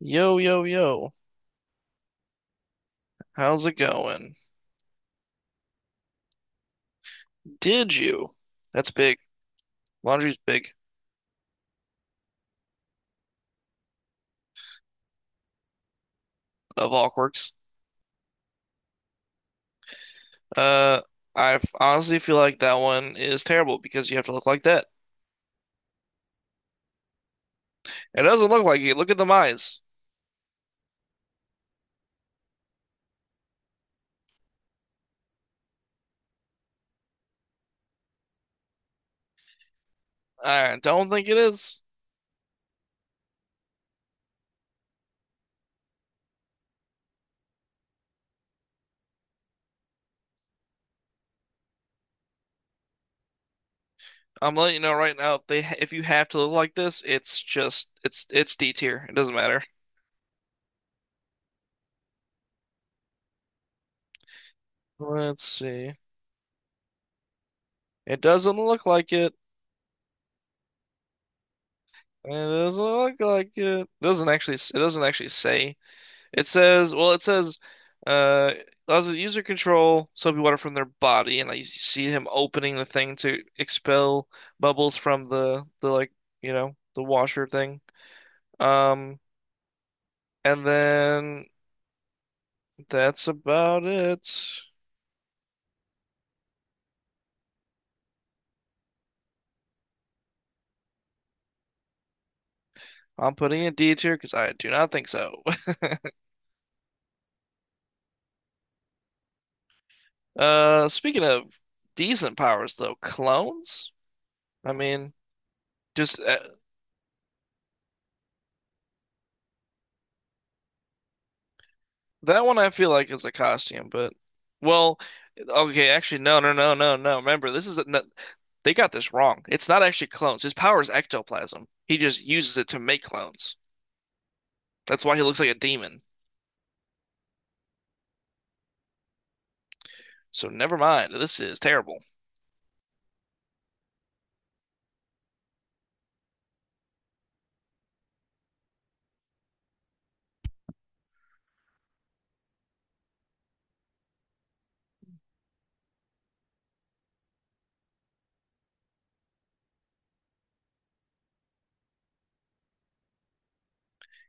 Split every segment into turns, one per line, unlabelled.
Yo, yo, yo. How's it going? Did you? That's big. Laundry's big of all quirks. Uh, honestly feel like that one is terrible because you have to look like that. It doesn't look like it. Look at the eyes. I don't think it is. I'm letting you know right now. If they, ha- If you have to look like this, it's D tier. It doesn't matter. Let's see. It doesn't look like it. It doesn't look like it. It doesn't actually. S- It doesn't actually say. It says, it says, uh, allows the user control soapy water from their body, and I see him opening the thing to expel bubbles from the like, you know, the washer thing. Um, and then that's about it. I'm putting a D tier because I do not think so. Speaking of decent powers though, clones. I mean, just that one I feel like is a costume, but well, okay, actually no, no, no, no, no. Remember, this is a, no, they got this wrong. It's not actually clones. His power is ectoplasm. He just uses it to make clones. That's why he looks like a demon. So never mind. This is terrible.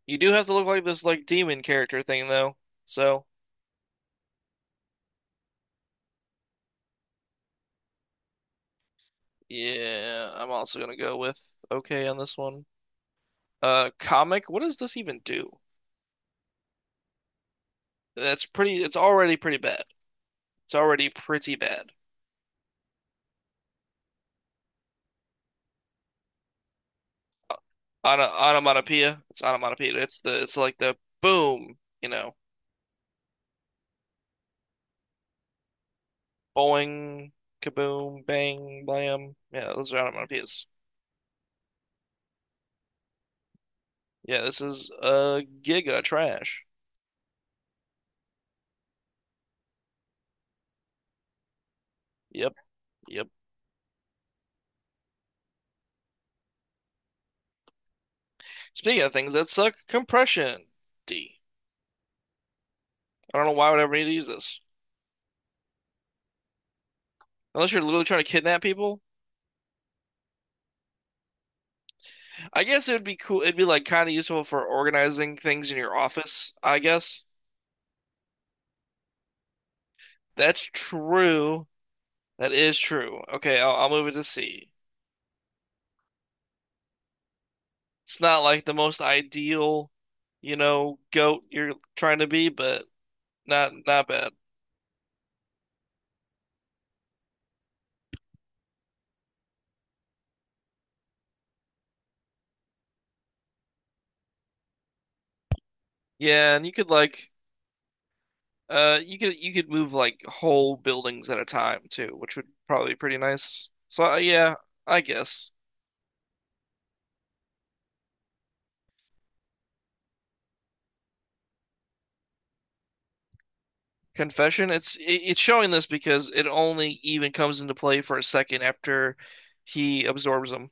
You do have to look like this like demon character thing though. So, yeah, I'm also gonna go with okay on this one. Comic, what does this even do? That's pretty, it's already pretty bad. It's already pretty bad. Onomatopoeia. It's onomatopoeia. It's like the boom, you know, boing, kaboom, bang, blam. Yeah, those are onomatopoeias. Yeah, this is giga trash. Yep, yep. Speaking of things that suck, compression. D. I don't know why I would ever need to use this. Unless you're literally trying to kidnap people. I guess it would be cool. It'd be like kind of useful for organizing things in your office, I guess. That's true. That is true. Okay, I'll move it to C. It's not like the most ideal, you know, goat you're trying to be, but not bad. Yeah, and you could like you could move like whole buildings at a time too, which would probably be pretty nice. So yeah, I guess. Confession, it's showing this because it only even comes into play for a second after he absorbs them.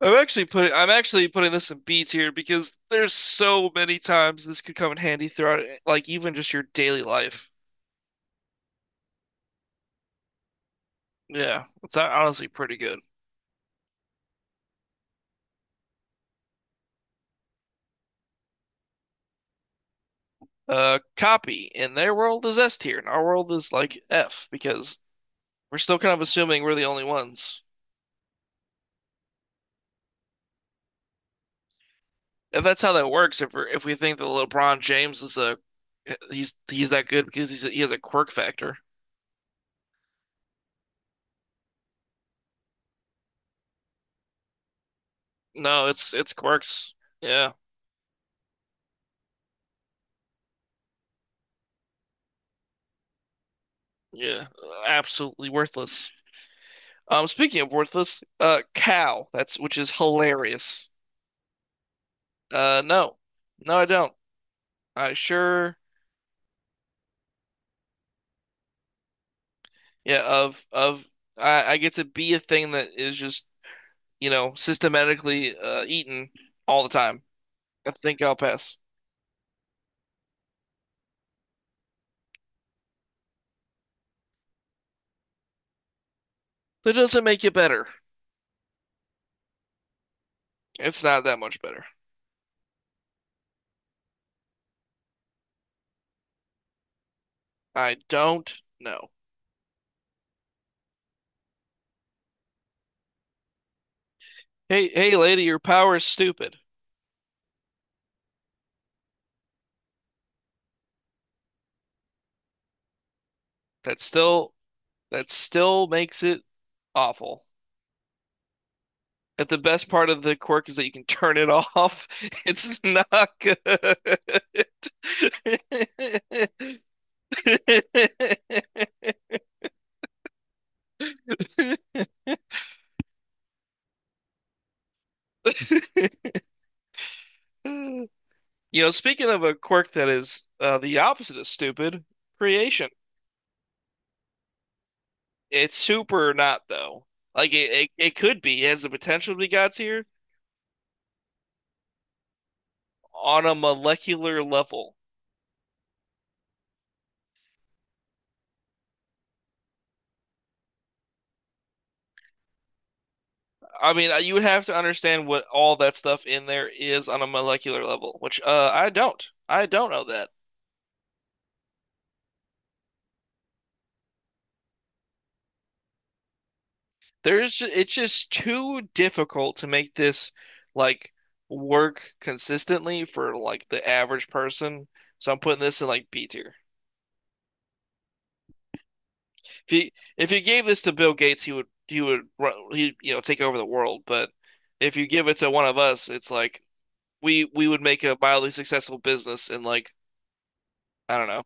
I'm actually putting this in B tier because there's so many times this could come in handy throughout like even just your daily life. Yeah, it's honestly pretty good. Copy in their world is S tier, and our world is like F because we're still kind of assuming we're the only ones. If that's how that works, if we think that LeBron James is a he's that good because he has a quirk factor. No, it's quirks. Yeah, yeah, absolutely worthless. Speaking of worthless, cow. That's which is hilarious. No, no, I don't. I sure. Yeah, of I get to be a thing that is just, you know, systematically eaten all the time. I think I'll pass. But it doesn't make it better. It's not that much better. I don't know. Hey, hey, lady, your power is stupid. That still that still makes it awful. If the best part of the quirk is that you can turn it off, it's not good. You know, speaking of a quirk that is the opposite of stupid, creation. It's super not though. Like it could be. It has the potential to be God tier on a molecular level. I mean, you would have to understand what all that stuff in there is on a molecular level, which I don't. I don't know that. There's it's just too difficult to make this like work consistently for like the average person. So I'm putting this in like B tier. If you if you gave this to Bill Gates, he would he you know take over the world. But if you give it to one of us, it's like we would make a mildly successful business in like I don't know,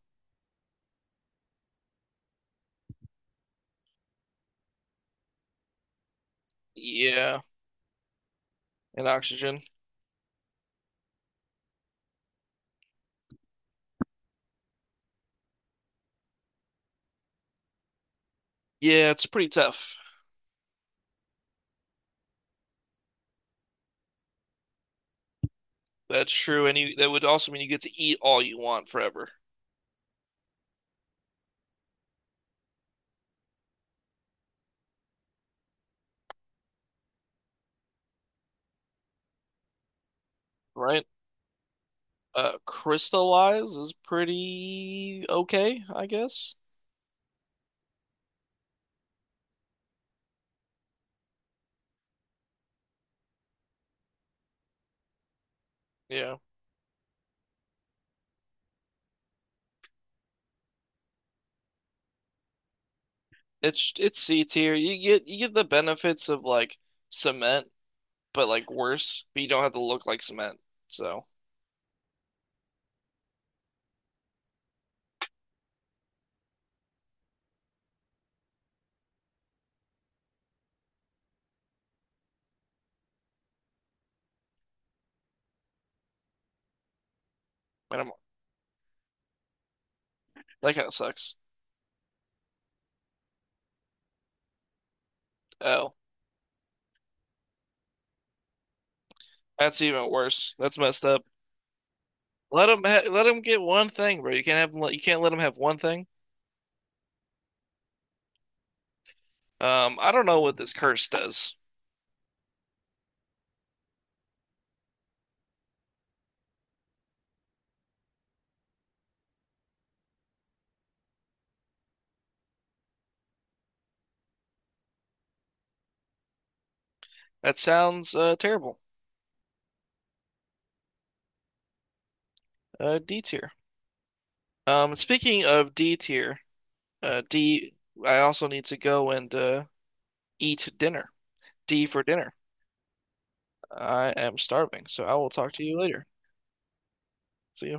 yeah, and oxygen. Yeah, it's pretty tough. That's true, and you that would also mean you get to eat all you want forever, right? Crystallize is pretty okay, I guess. Yeah, it's C tier. You get the benefits of like cement but like worse. But you don't have to look like cement. So, and I'm, that kind of sucks. Oh, that's even worse. That's messed up. Let them get one thing, bro. You can't let them have one thing. I don't know what this curse does. That sounds terrible. D tier. Speaking of D tier, D, I also need to go and eat dinner. D for dinner. I am starving, so I will talk to you later. See you.